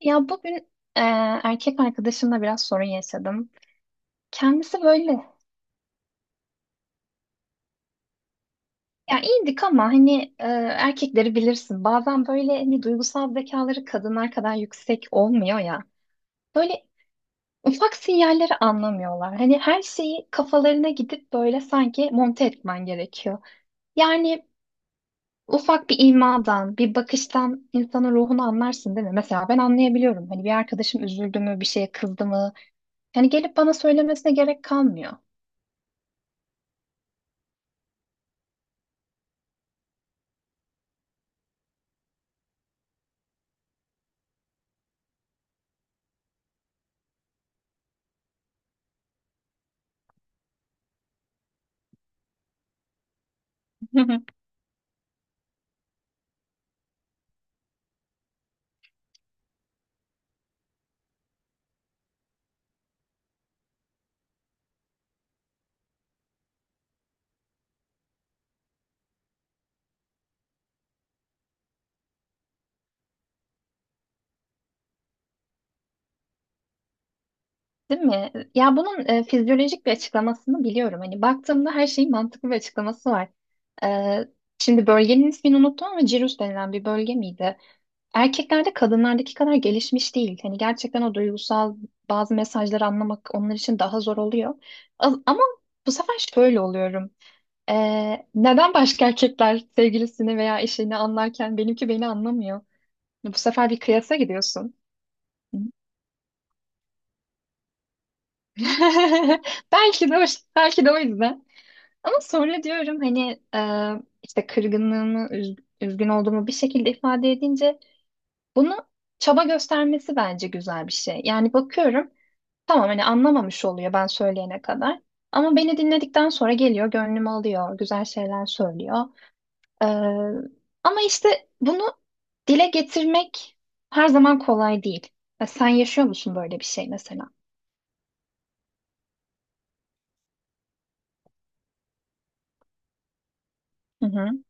Ya bugün e, erkek arkadaşımla biraz sorun yaşadım. Kendisi böyle ya iyiydik ama hani erkekleri bilirsin. Bazen böyle hani duygusal zekaları kadınlar kadar yüksek olmuyor ya. Böyle ufak sinyalleri anlamıyorlar. Hani her şeyi kafalarına gidip böyle sanki monte etmen gerekiyor. Yani ufak bir imadan, bir bakıştan insanın ruhunu anlarsın değil mi? Mesela ben anlayabiliyorum. Hani bir arkadaşım üzüldü mü, bir şeye kızdı mı? Yani gelip bana söylemesine gerek kalmıyor. Değil mi? Ya bunun fizyolojik bir açıklamasını biliyorum. Hani baktığımda her şeyin mantıklı bir açıklaması var. E, Şimdi bölgenin ismini unuttum ama Cirrus denilen bir bölge miydi? Erkeklerde kadınlardaki kadar gelişmiş değil. Hani gerçekten o duygusal bazı mesajları anlamak onlar için daha zor oluyor. Ama bu sefer şöyle oluyorum. Neden başka erkekler sevgilisini veya eşini anlarken benimki beni anlamıyor? Bu sefer bir kıyasa gidiyorsun. Belki de, o- Belki de o yüzden. Ama sonra diyorum hani işte kırgınlığımı, üzgün olduğumu bir şekilde ifade edince bunu çaba göstermesi bence güzel bir şey. Yani bakıyorum tamam hani anlamamış oluyor ben söyleyene kadar. Ama beni dinledikten sonra geliyor, gönlümü alıyor, güzel şeyler söylüyor. E, Ama işte bunu dile getirmek her zaman kolay değil. Ya sen yaşıyor musun böyle bir şey mesela? Hı hı.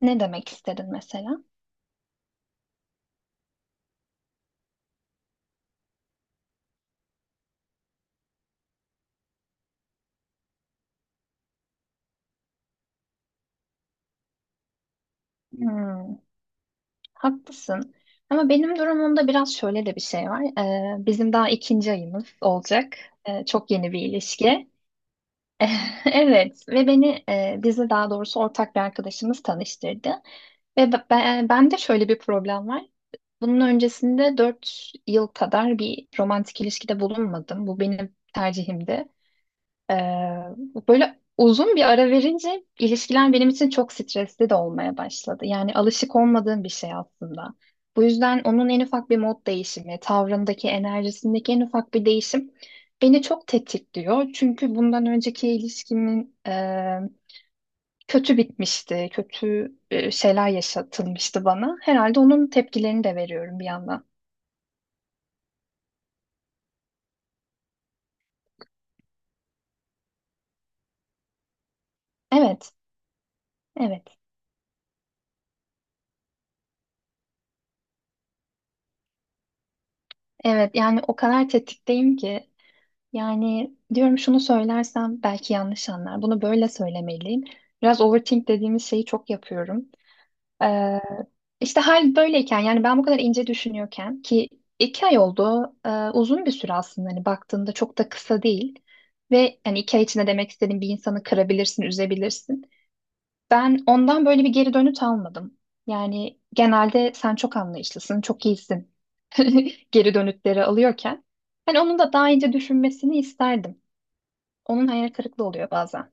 Ne demek istedin mesela? Hmm. Haklısın. Ama benim durumumda biraz şöyle de bir şey var. Bizim daha ikinci ayımız olacak. Çok yeni bir ilişki. Evet ve bizi daha doğrusu ortak bir arkadaşımız tanıştırdı. Ve ben de şöyle bir problem var. Bunun öncesinde 4 yıl kadar bir romantik ilişkide bulunmadım. Bu benim tercihimdi. Ee, Böyle uzun bir ara verince ilişkiler benim için çok stresli de olmaya başladı. Yani alışık olmadığım bir şey aslında. Bu yüzden onun en ufak bir mod değişimi, tavrındaki, enerjisindeki en ufak bir değişim beni çok tetikliyor. Çünkü bundan önceki ilişkimin kötü bitmişti, kötü şeyler yaşatılmıştı bana. Herhalde onun tepkilerini de veriyorum bir yandan. Evet, evet, evet. Yani o kadar tetikteyim ki. Yani diyorum şunu söylersem belki yanlış anlar. Bunu böyle söylemeliyim. Biraz overthink dediğimiz şeyi çok yapıyorum. Ee, işte hal böyleyken yani ben bu kadar ince düşünüyorken ki iki ay oldu. Uzun bir süre aslında hani baktığında çok da kısa değil. Ve hani iki ay içinde demek istediğim bir insanı kırabilirsin, üzebilirsin. Ben ondan böyle bir geri dönüt almadım. Yani genelde sen çok anlayışlısın, çok iyisin geri dönütleri alıyorken. Hani onun da daha ince düşünmesini isterdim. Onun hayal kırıklığı oluyor bazen.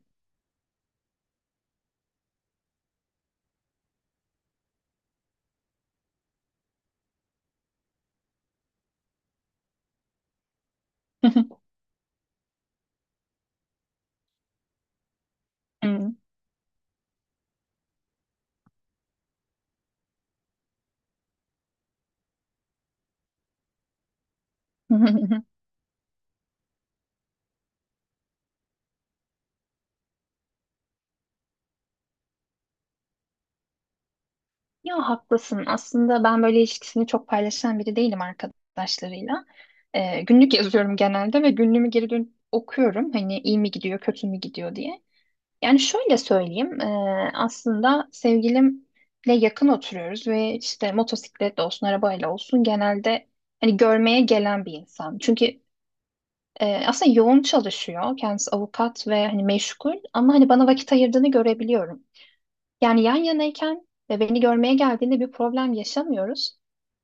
Hmm. Ya haklısın. Aslında ben böyle ilişkisini çok paylaşan biri değilim arkadaşlarıyla. Günlük yazıyorum genelde ve günlüğümü geri dönüp okuyorum. Hani iyi mi gidiyor, kötü mü gidiyor diye. Yani şöyle söyleyeyim. Aslında sevgilimle yakın oturuyoruz ve işte motosiklet olsun, arabayla olsun genelde hani görmeye gelen bir insan. Çünkü aslında yoğun çalışıyor. Kendisi avukat ve hani meşgul ama hani bana vakit ayırdığını görebiliyorum. Yani yan yanayken ve beni görmeye geldiğinde bir problem yaşamıyoruz.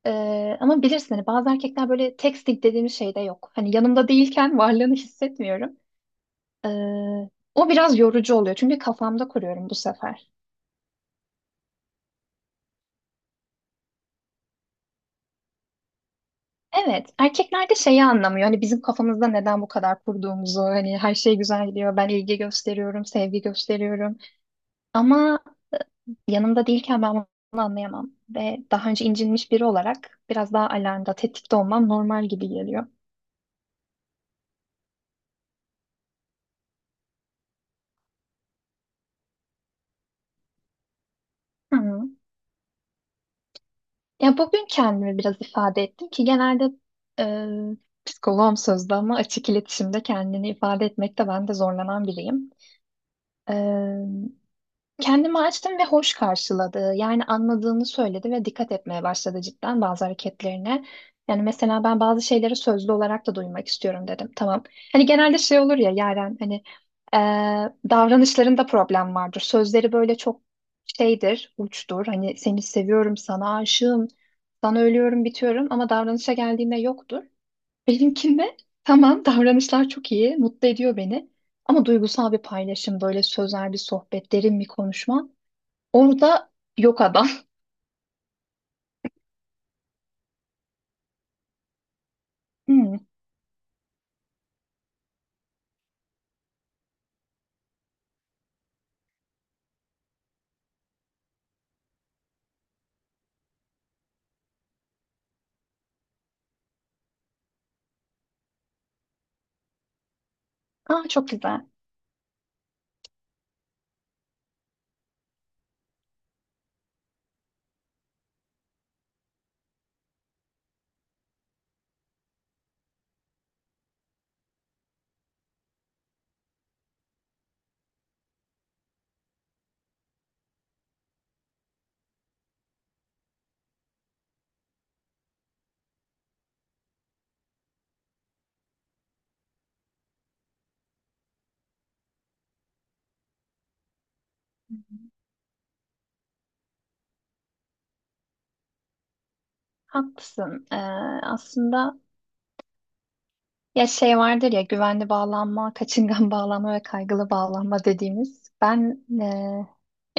Ama bilirsin hani bazı erkekler böyle texting dediğimiz şey de yok. Hani yanımda değilken varlığını hissetmiyorum. Ee, O biraz yorucu oluyor çünkü kafamda kuruyorum bu sefer. Evet, erkekler de şeyi anlamıyor. Hani bizim kafamızda neden bu kadar kurduğumuzu, hani her şey güzel gidiyor, ben ilgi gösteriyorum, sevgi gösteriyorum. Ama yanımda değilken ben bunu anlayamam. Ve daha önce incinmiş biri olarak biraz daha alarmda, tetikte olmam normal gibi geliyor. Hı. Ya bugün kendimi biraz ifade ettim ki genelde psikoloğum sözde ama açık iletişimde kendini ifade etmekte ben de zorlanan biriyim. Kendimi açtım ve hoş karşıladı. Yani anladığını söyledi ve dikkat etmeye başladı cidden bazı hareketlerine. Yani mesela ben bazı şeyleri sözlü olarak da duymak istiyorum dedim. Tamam. Hani genelde şey olur ya Yaren hani davranışlarında problem vardır. Sözleri böyle çok şeydir, uçtur. Hani seni seviyorum, sana aşığım, sana ölüyorum, bitiyorum ama davranışa geldiğinde yoktur. Benimkinde tamam davranışlar çok iyi, mutlu ediyor beni. Ama duygusal bir paylaşım, böyle sözel bir sohbet, derin bir konuşma. Orada yok adam. Hmm. Aa, çok güzel. Haklısın. Aslında ya şey vardır ya güvenli bağlanma, kaçıngan bağlanma ve kaygılı bağlanma dediğimiz. Ben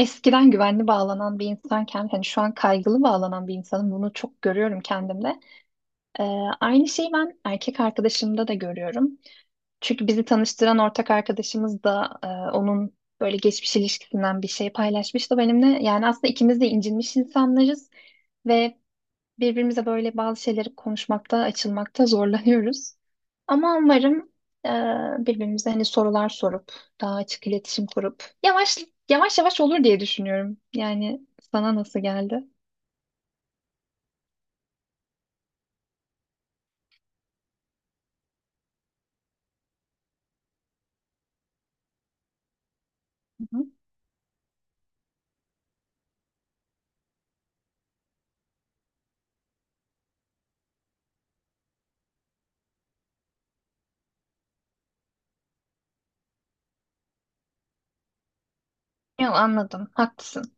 Eskiden güvenli bağlanan bir insanken hani şu an kaygılı bağlanan bir insanım. Bunu çok görüyorum kendimde. Ee, Aynı şeyi ben erkek arkadaşımda da görüyorum. Çünkü bizi tanıştıran ortak arkadaşımız da onun böyle geçmiş ilişkisinden bir şey paylaşmıştı benimle. Yani aslında ikimiz de incinmiş insanlarız ve birbirimize böyle bazı şeyleri konuşmakta, açılmakta zorlanıyoruz. Ama umarım e, birbirimize hani sorular sorup, daha açık iletişim kurup yavaş yavaş olur diye düşünüyorum. Yani sana nasıl geldi? Hı hı. Ya anladım, haklısın.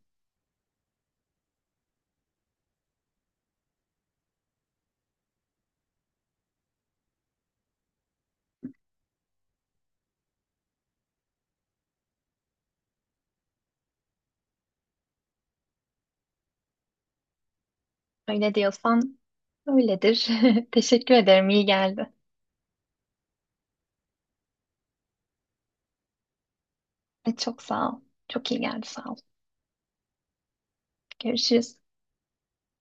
Öyle diyorsan öyledir. Teşekkür ederim, iyi geldi. Evet, çok sağ ol. Çok iyi geldi sağ ol. Görüşürüz.